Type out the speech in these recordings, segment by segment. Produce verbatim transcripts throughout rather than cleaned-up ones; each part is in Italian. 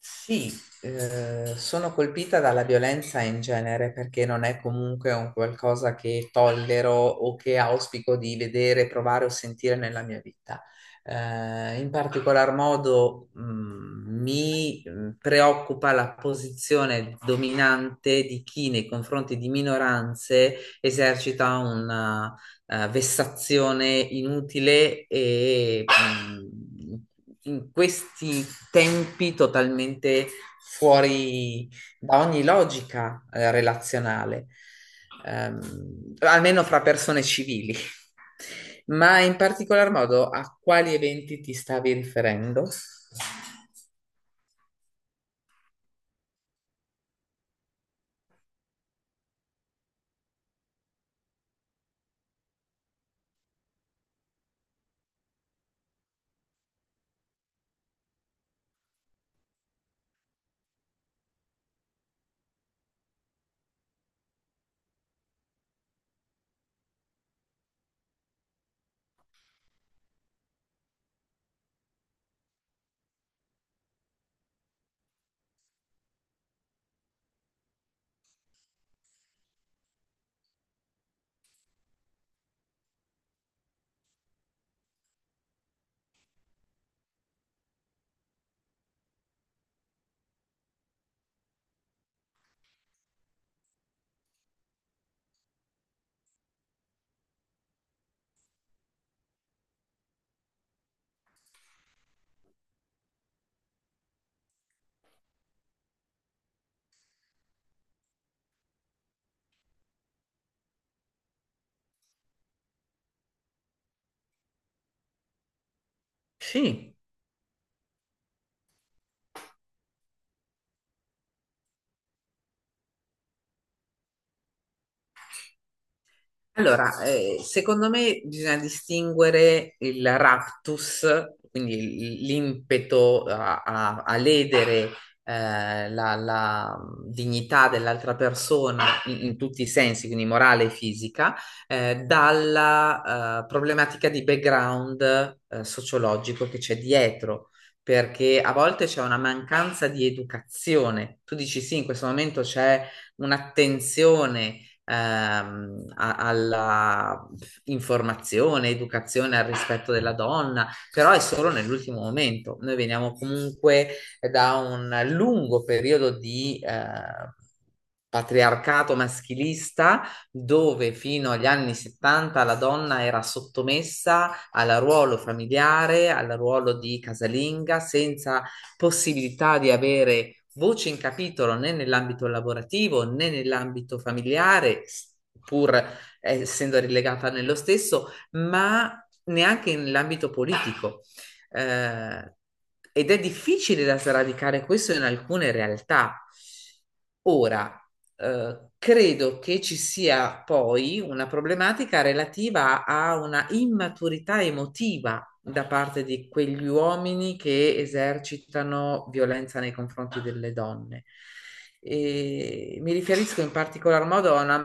Sì, eh, sono colpita dalla violenza in genere perché non è comunque un qualcosa che tollero o che auspico di vedere, provare o sentire nella mia vita. Eh, in particolar modo, mh, mi mh, preoccupa la posizione dominante di chi nei confronti di minoranze esercita una eh, vessazione inutile e mh, in questi tempi totalmente fuori da ogni logica, eh, relazionale, ehm, almeno fra persone civili. Ma in particolar modo a quali eventi ti stavi riferendo? Sì. Allora, eh, secondo me bisogna distinguere il raptus, quindi l- l'impeto a, a- a ledere eh, la, la dignità dell'altra persona in, in tutti i sensi, quindi morale e fisica, eh, dalla eh, problematica di background eh, sociologico che c'è dietro. Perché a volte c'è una mancanza di educazione. Tu dici sì, in questo momento c'è un'attenzione, ehm, a- alla informazione, educazione al rispetto della donna, però è solo nell'ultimo momento. Noi veniamo comunque da un lungo periodo di eh, patriarcato maschilista, dove fino agli anni settanta la donna era sottomessa al ruolo familiare, al ruolo di casalinga, senza possibilità di avere voce in capitolo né nell'ambito lavorativo né nell'ambito familiare, pur eh, essendo rilegata nello stesso, ma neanche nell'ambito politico. Eh, Ed è difficile da sradicare questo in alcune realtà. Ora, eh, credo che ci sia poi una problematica relativa a una immaturità emotiva da parte di quegli uomini che esercitano violenza nei confronti delle donne. E mi riferisco in particolar modo a una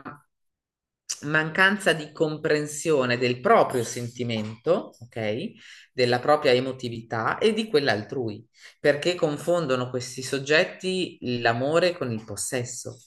mancanza di comprensione del proprio sentimento, ok? Della propria emotività e di quella altrui, perché confondono questi soggetti l'amore con il possesso.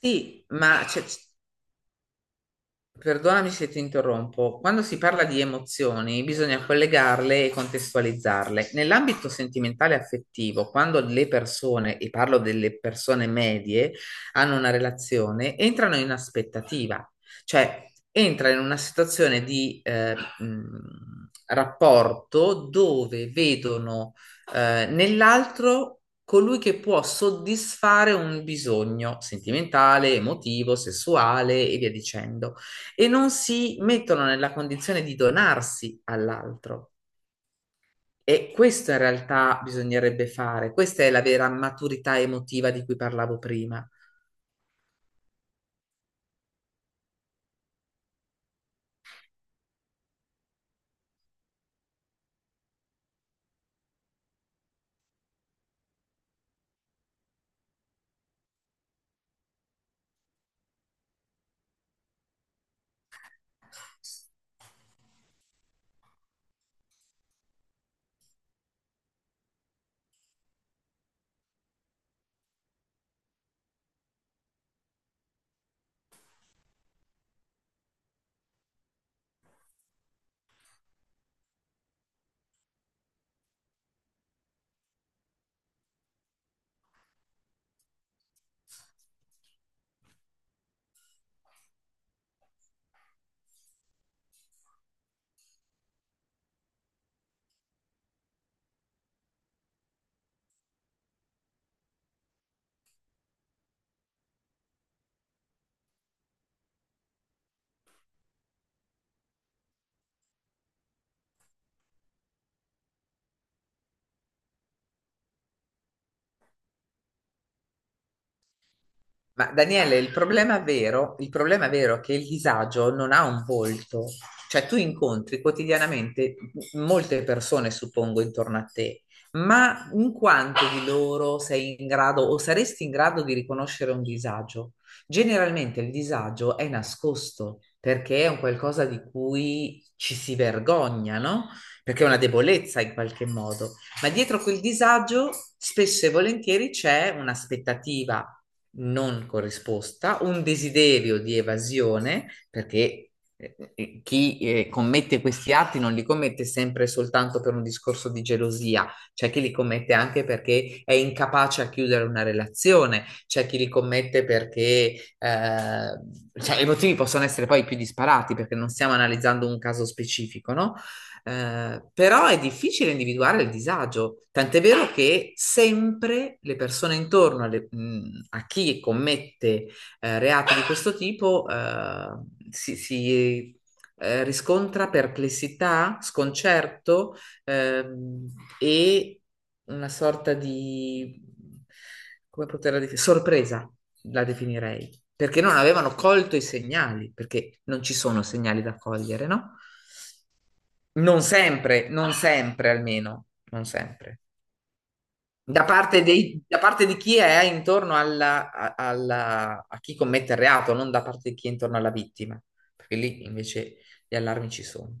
Sì, ma c'è- perdonami se ti interrompo. Quando si parla di emozioni, bisogna collegarle e contestualizzarle. Nell'ambito sentimentale e affettivo, quando le persone, e parlo delle persone medie, hanno una relazione, entrano in aspettativa, cioè entra in una situazione di eh, mh, rapporto dove vedono eh, nell'altro colui che può soddisfare un bisogno sentimentale, emotivo, sessuale e via dicendo, e non si mettono nella condizione di donarsi all'altro. E questo in realtà bisognerebbe fare, questa è la vera maturità emotiva di cui parlavo prima. Ma Daniele, il problema vero, il problema vero è che il disagio non ha un volto, cioè tu incontri quotidianamente molte persone, suppongo, intorno a te, ma in quanto di loro sei in grado o saresti in grado di riconoscere un disagio? Generalmente il disagio è nascosto perché è un qualcosa di cui ci si vergogna, no? Perché è una debolezza in qualche modo. Ma dietro quel disagio spesso e volentieri c'è un'aspettativa non corrisposta, un desiderio di evasione, perché eh, eh, chi eh, commette questi atti non li commette sempre soltanto per un discorso di gelosia, c'è chi li commette anche perché è incapace a chiudere una relazione, c'è chi li commette perché eh, cioè, i motivi possono essere poi più disparati perché non stiamo analizzando un caso specifico, no? Eh, però è difficile individuare il disagio, tant'è vero che sempre le persone intorno alle- mh, a chi commette eh, reati di questo tipo eh, si, si, eh, riscontra perplessità, sconcerto, ehm, e una sorta di, come poterla definire, sorpresa la definirei, perché non avevano colto i segnali, perché non ci sono segnali da cogliere, no? Non sempre, non sempre almeno, non sempre. Da parte dei- da parte di chi è intorno alla- a, alla- a chi commette il reato, non da parte di chi è intorno alla vittima, perché lì invece gli allarmi ci sono.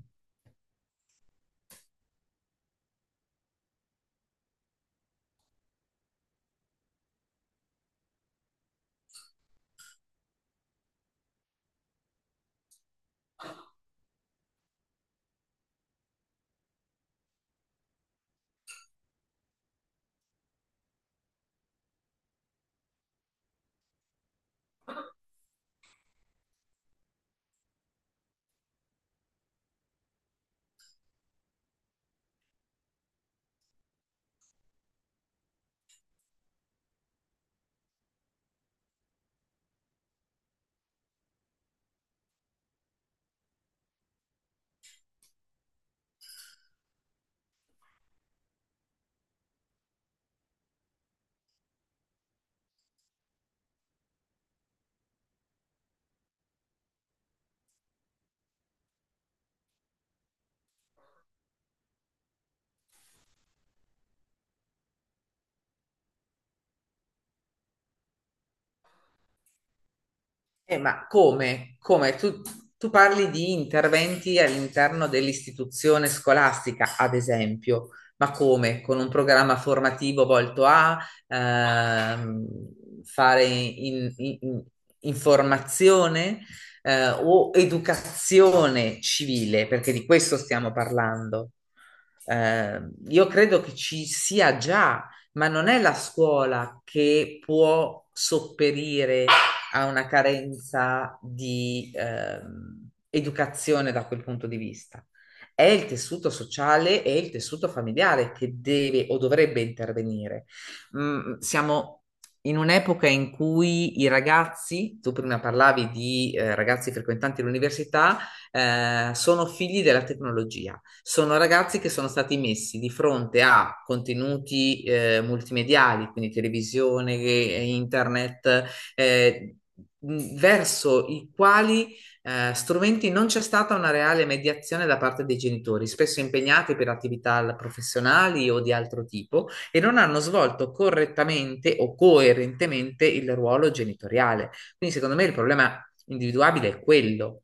Eh, ma come? Come? Tu, tu parli di interventi all'interno dell'istituzione scolastica, ad esempio, ma come? Con un programma formativo volto a, ehm, fare in- in- in- informazione eh, o educazione civile, perché di questo stiamo parlando. Eh, io credo che ci sia già, ma non è la scuola che può sopperire ha una carenza di ehm, educazione da quel punto di vista. È il tessuto sociale e il tessuto familiare che deve o dovrebbe intervenire. Mm, siamo in un'epoca in cui i ragazzi, tu prima parlavi di eh, ragazzi frequentanti l'università, eh, sono figli della tecnologia, sono ragazzi che sono stati messi di fronte a contenuti eh, multimediali, quindi televisione, eh, internet, eh, mh, verso i quali eh, strumenti non c'è stata una reale mediazione da parte dei genitori, spesso impegnati per attività professionali o di altro tipo, e non hanno svolto correttamente o coerentemente il ruolo genitoriale. Quindi, secondo me, il problema individuabile è quello.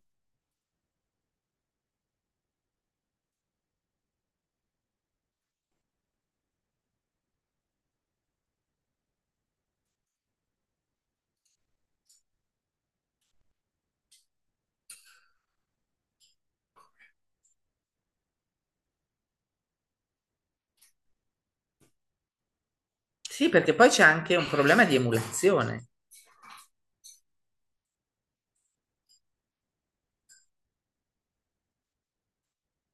Sì, perché poi c'è anche un problema di emulazione.